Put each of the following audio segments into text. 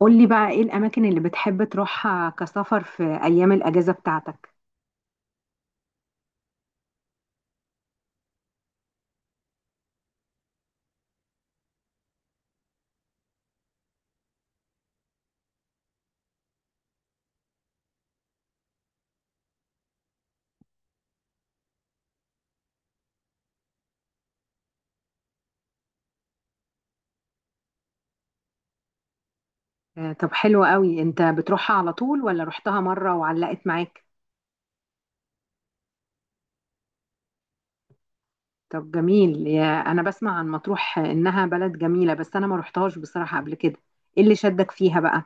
قولي بقى ايه الاماكن اللي بتحب تروحها كسفر في ايام الاجازة بتاعتك؟ طب حلو قوي، انت بتروحها على طول ولا رحتها مرة وعلقت معاك؟ طب جميل، يا انا بسمع عن مطروح انها بلد جميلة بس انا ما رحتهاش بصراحة قبل كده. ايه اللي شدك فيها بقى؟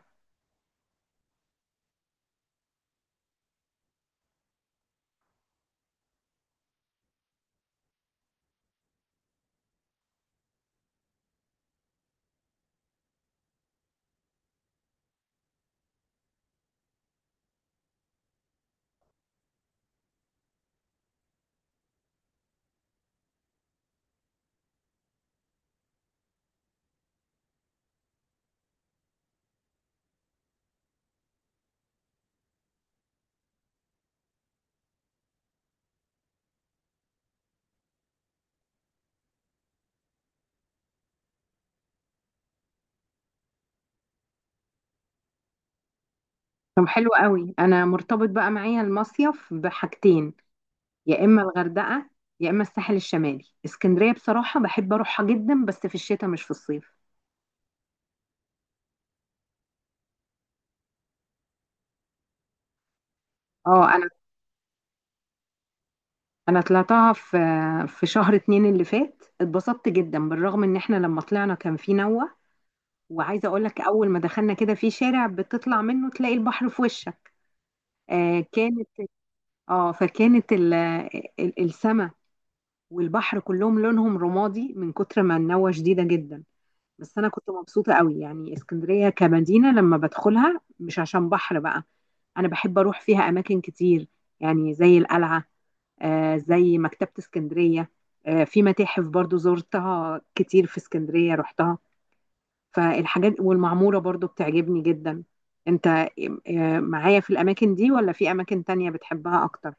طب حلو قوي. انا مرتبط بقى معايا المصيف بحاجتين، يا اما الغردقة يا اما الساحل الشمالي. اسكندرية بصراحة بحب اروحها جدا بس في الشتاء مش في الصيف. اه، انا طلعتها في شهر 2 اللي فات، اتبسطت جدا بالرغم ان احنا لما طلعنا كان في نوة. وعايزه اقول لك اول ما دخلنا كده في شارع بتطلع منه تلاقي البحر في وشك. آه كانت اه فكانت ال- ال- السما والبحر كلهم لونهم رمادي من كتر ما النوة شديدة جدا. بس انا كنت مبسوطة قوي، يعني اسكندرية كمدينة لما بدخلها مش عشان بحر بقى. انا بحب اروح فيها اماكن كتير، يعني زي القلعة، زي مكتبة اسكندرية، في متاحف برضو زرتها كتير في اسكندرية رحتها. فالحاجات والمعمورة برضو بتعجبني جدا. انت معايا في الأماكن دي ولا في أماكن تانية بتحبها أكتر؟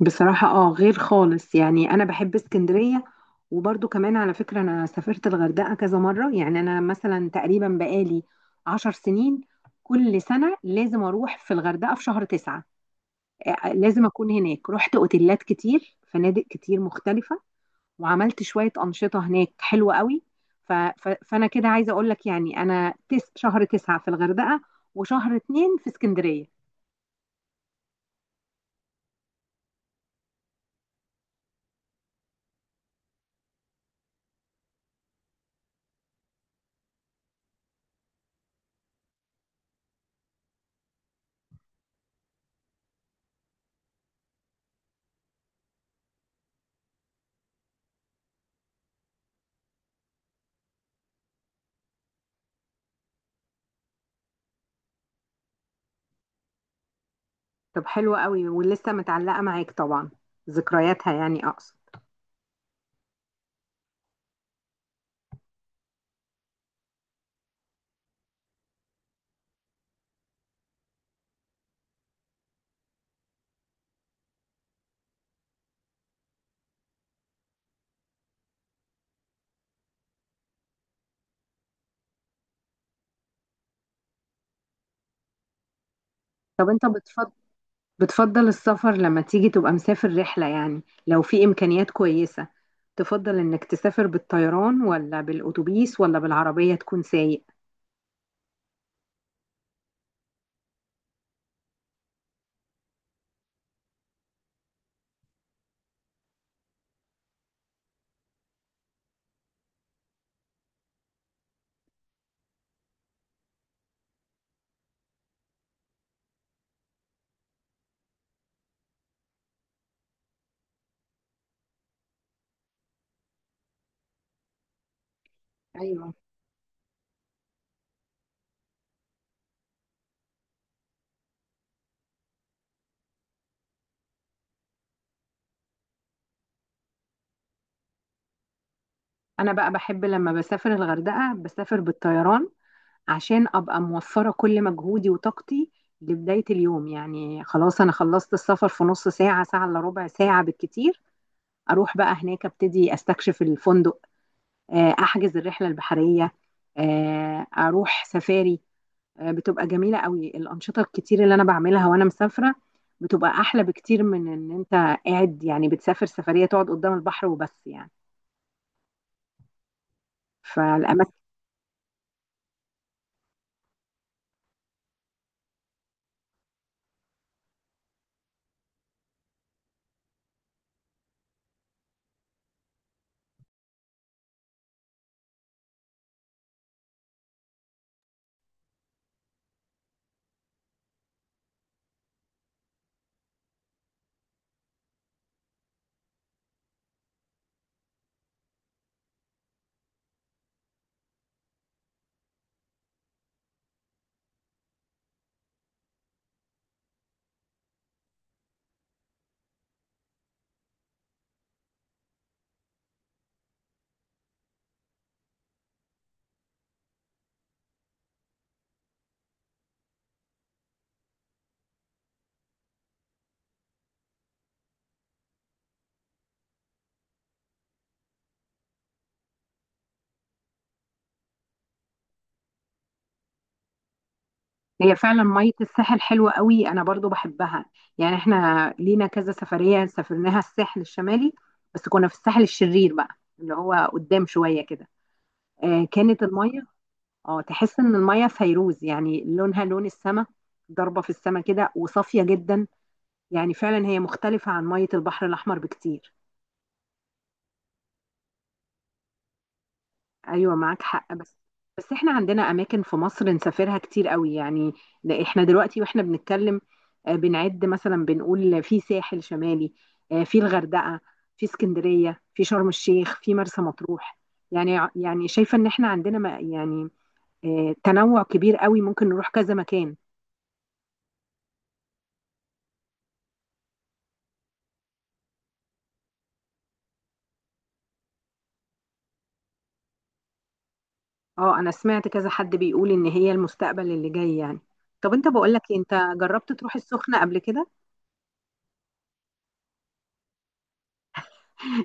بصراحة اه، غير خالص، يعني أنا بحب اسكندرية. وبرضو كمان على فكرة أنا سافرت الغردقة كذا مرة، يعني أنا مثلا تقريبا بقالي 10 سنين كل سنة لازم أروح في الغردقة في شهر 9. لازم اكون هناك، رحت اوتيلات كتير فنادق كتير مختلفة. وعملت شوية أنشطة هناك حلوة قوي. فأنا كده عايزة أقول لك، يعني أنا شهر 9 في الغردقة وشهر 2 في اسكندرية. طب حلوة قوي ولسه متعلقة معاك طبعا ذكرياتها، يعني أقصد. طب أنت بتفضل السفر لما تيجي تبقى مسافر رحلة، يعني لو في إمكانيات كويسة تفضل إنك تسافر بالطيران ولا بالأتوبيس ولا بالعربية تكون سايق؟ ايوه، انا بقى بحب لما بسافر الغردقه بسافر بالطيران عشان ابقى موفره كل مجهودي وطاقتي لبدايه اليوم، يعني خلاص انا خلصت السفر في نص ساعه، ساعه الا ربع، ساعه بالكتير. اروح بقى هناك ابتدي استكشف الفندق، احجز الرحله البحريه، اروح سفاري، بتبقى جميله قوي الانشطه الكتير اللي انا بعملها وانا مسافره. بتبقى احلى بكتير من ان انت قاعد، يعني بتسافر سفريه تقعد قدام البحر وبس يعني، فالاماكن. هي فعلا مية الساحل حلوة قوي، أنا برضو بحبها. يعني احنا لينا كذا سفرية سافرناها الساحل الشمالي بس كنا في الساحل الشرير بقى، اللي هو قدام شوية كده. آه كانت المية اه تحس إن المية فيروز، يعني لونها لون السما، ضربة في السما كده وصافية جدا. يعني فعلا هي مختلفة عن مية البحر الأحمر بكتير. ايوه، معاك حق. بس بس احنا عندنا اماكن في مصر نسافرها كتير قوي يعني. ده احنا دلوقتي واحنا بنتكلم بنعد مثلا، بنقول في ساحل شمالي، في الغردقه، في اسكندريه، في شرم الشيخ، في مرسى مطروح. يعني شايفه ان احنا عندنا يعني تنوع كبير قوي ممكن نروح كذا مكان. اه، انا سمعت كذا حد بيقول ان هي المستقبل اللي جاي يعني. طب انت بقول لك، انت جربت تروح السخنه قبل كده؟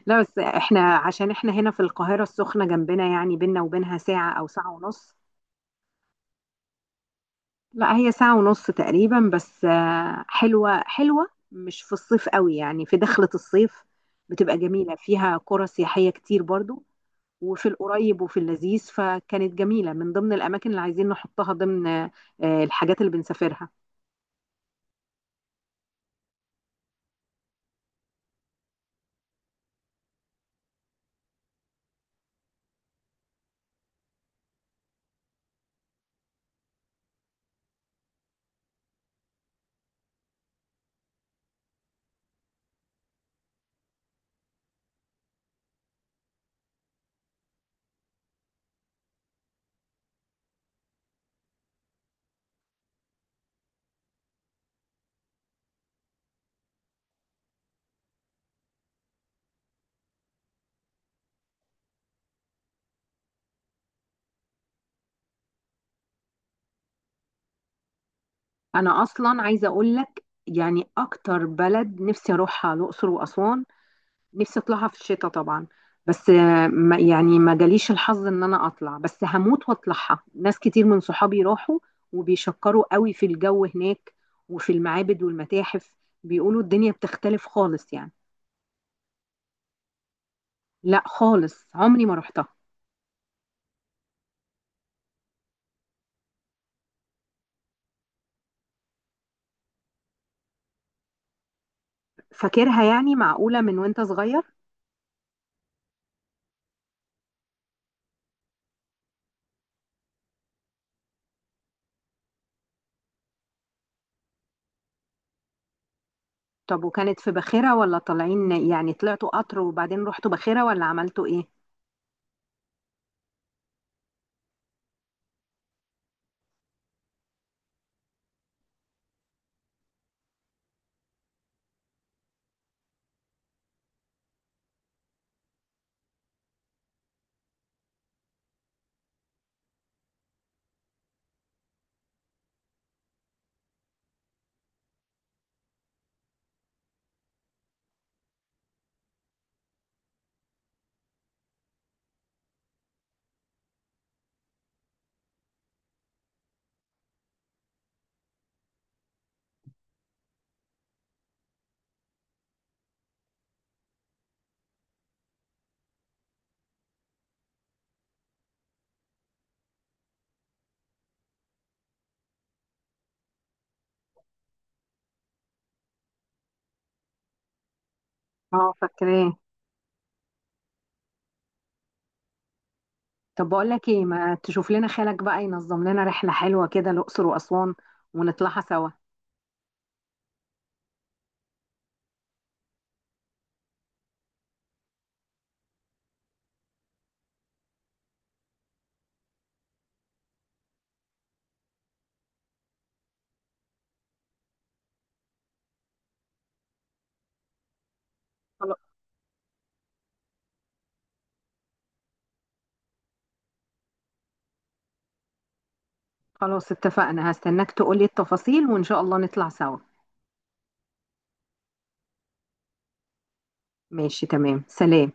لا بس احنا عشان احنا هنا في القاهرة السخنة جنبنا، يعني بينا وبينها ساعة أو ساعة ونص. لا هي ساعة ونص تقريبا، بس حلوة حلوة، مش في الصيف قوي، يعني في دخلة الصيف بتبقى جميلة، فيها قرى سياحية كتير برضو. وفي القريب وفي اللذيذ، فكانت جميلة من ضمن الأماكن اللي عايزين نحطها ضمن الحاجات اللي بنسافرها. أنا أصلا عايزة أقول لك، يعني أكتر بلد نفسي أروحها الأقصر وأسوان. نفسي اطلعها في الشتاء طبعا، بس ما يعني ما جاليش الحظ ان انا اطلع، بس هموت واطلعها. ناس كتير من صحابي راحوا وبيشكروا قوي في الجو هناك وفي المعابد والمتاحف، بيقولوا الدنيا بتختلف خالص يعني. لا خالص، عمري ما رحتها. فاكرها يعني؟ معقولة من وانت صغير؟ طب وكانت في باخرة ولا طالعين، يعني طلعتوا قطر وبعدين رحتوا باخرة ولا عملتوا ايه؟ اه، فاكراه. طب بقول لك ايه، ما تشوف لنا خالك بقى ينظم لنا رحلة حلوة كده الأقصر وأسوان ونطلعها سوا. خلاص، خلاص اتفقنا، هستناك تقولي التفاصيل وإن شاء الله نطلع سوا. ماشي، تمام، سلام.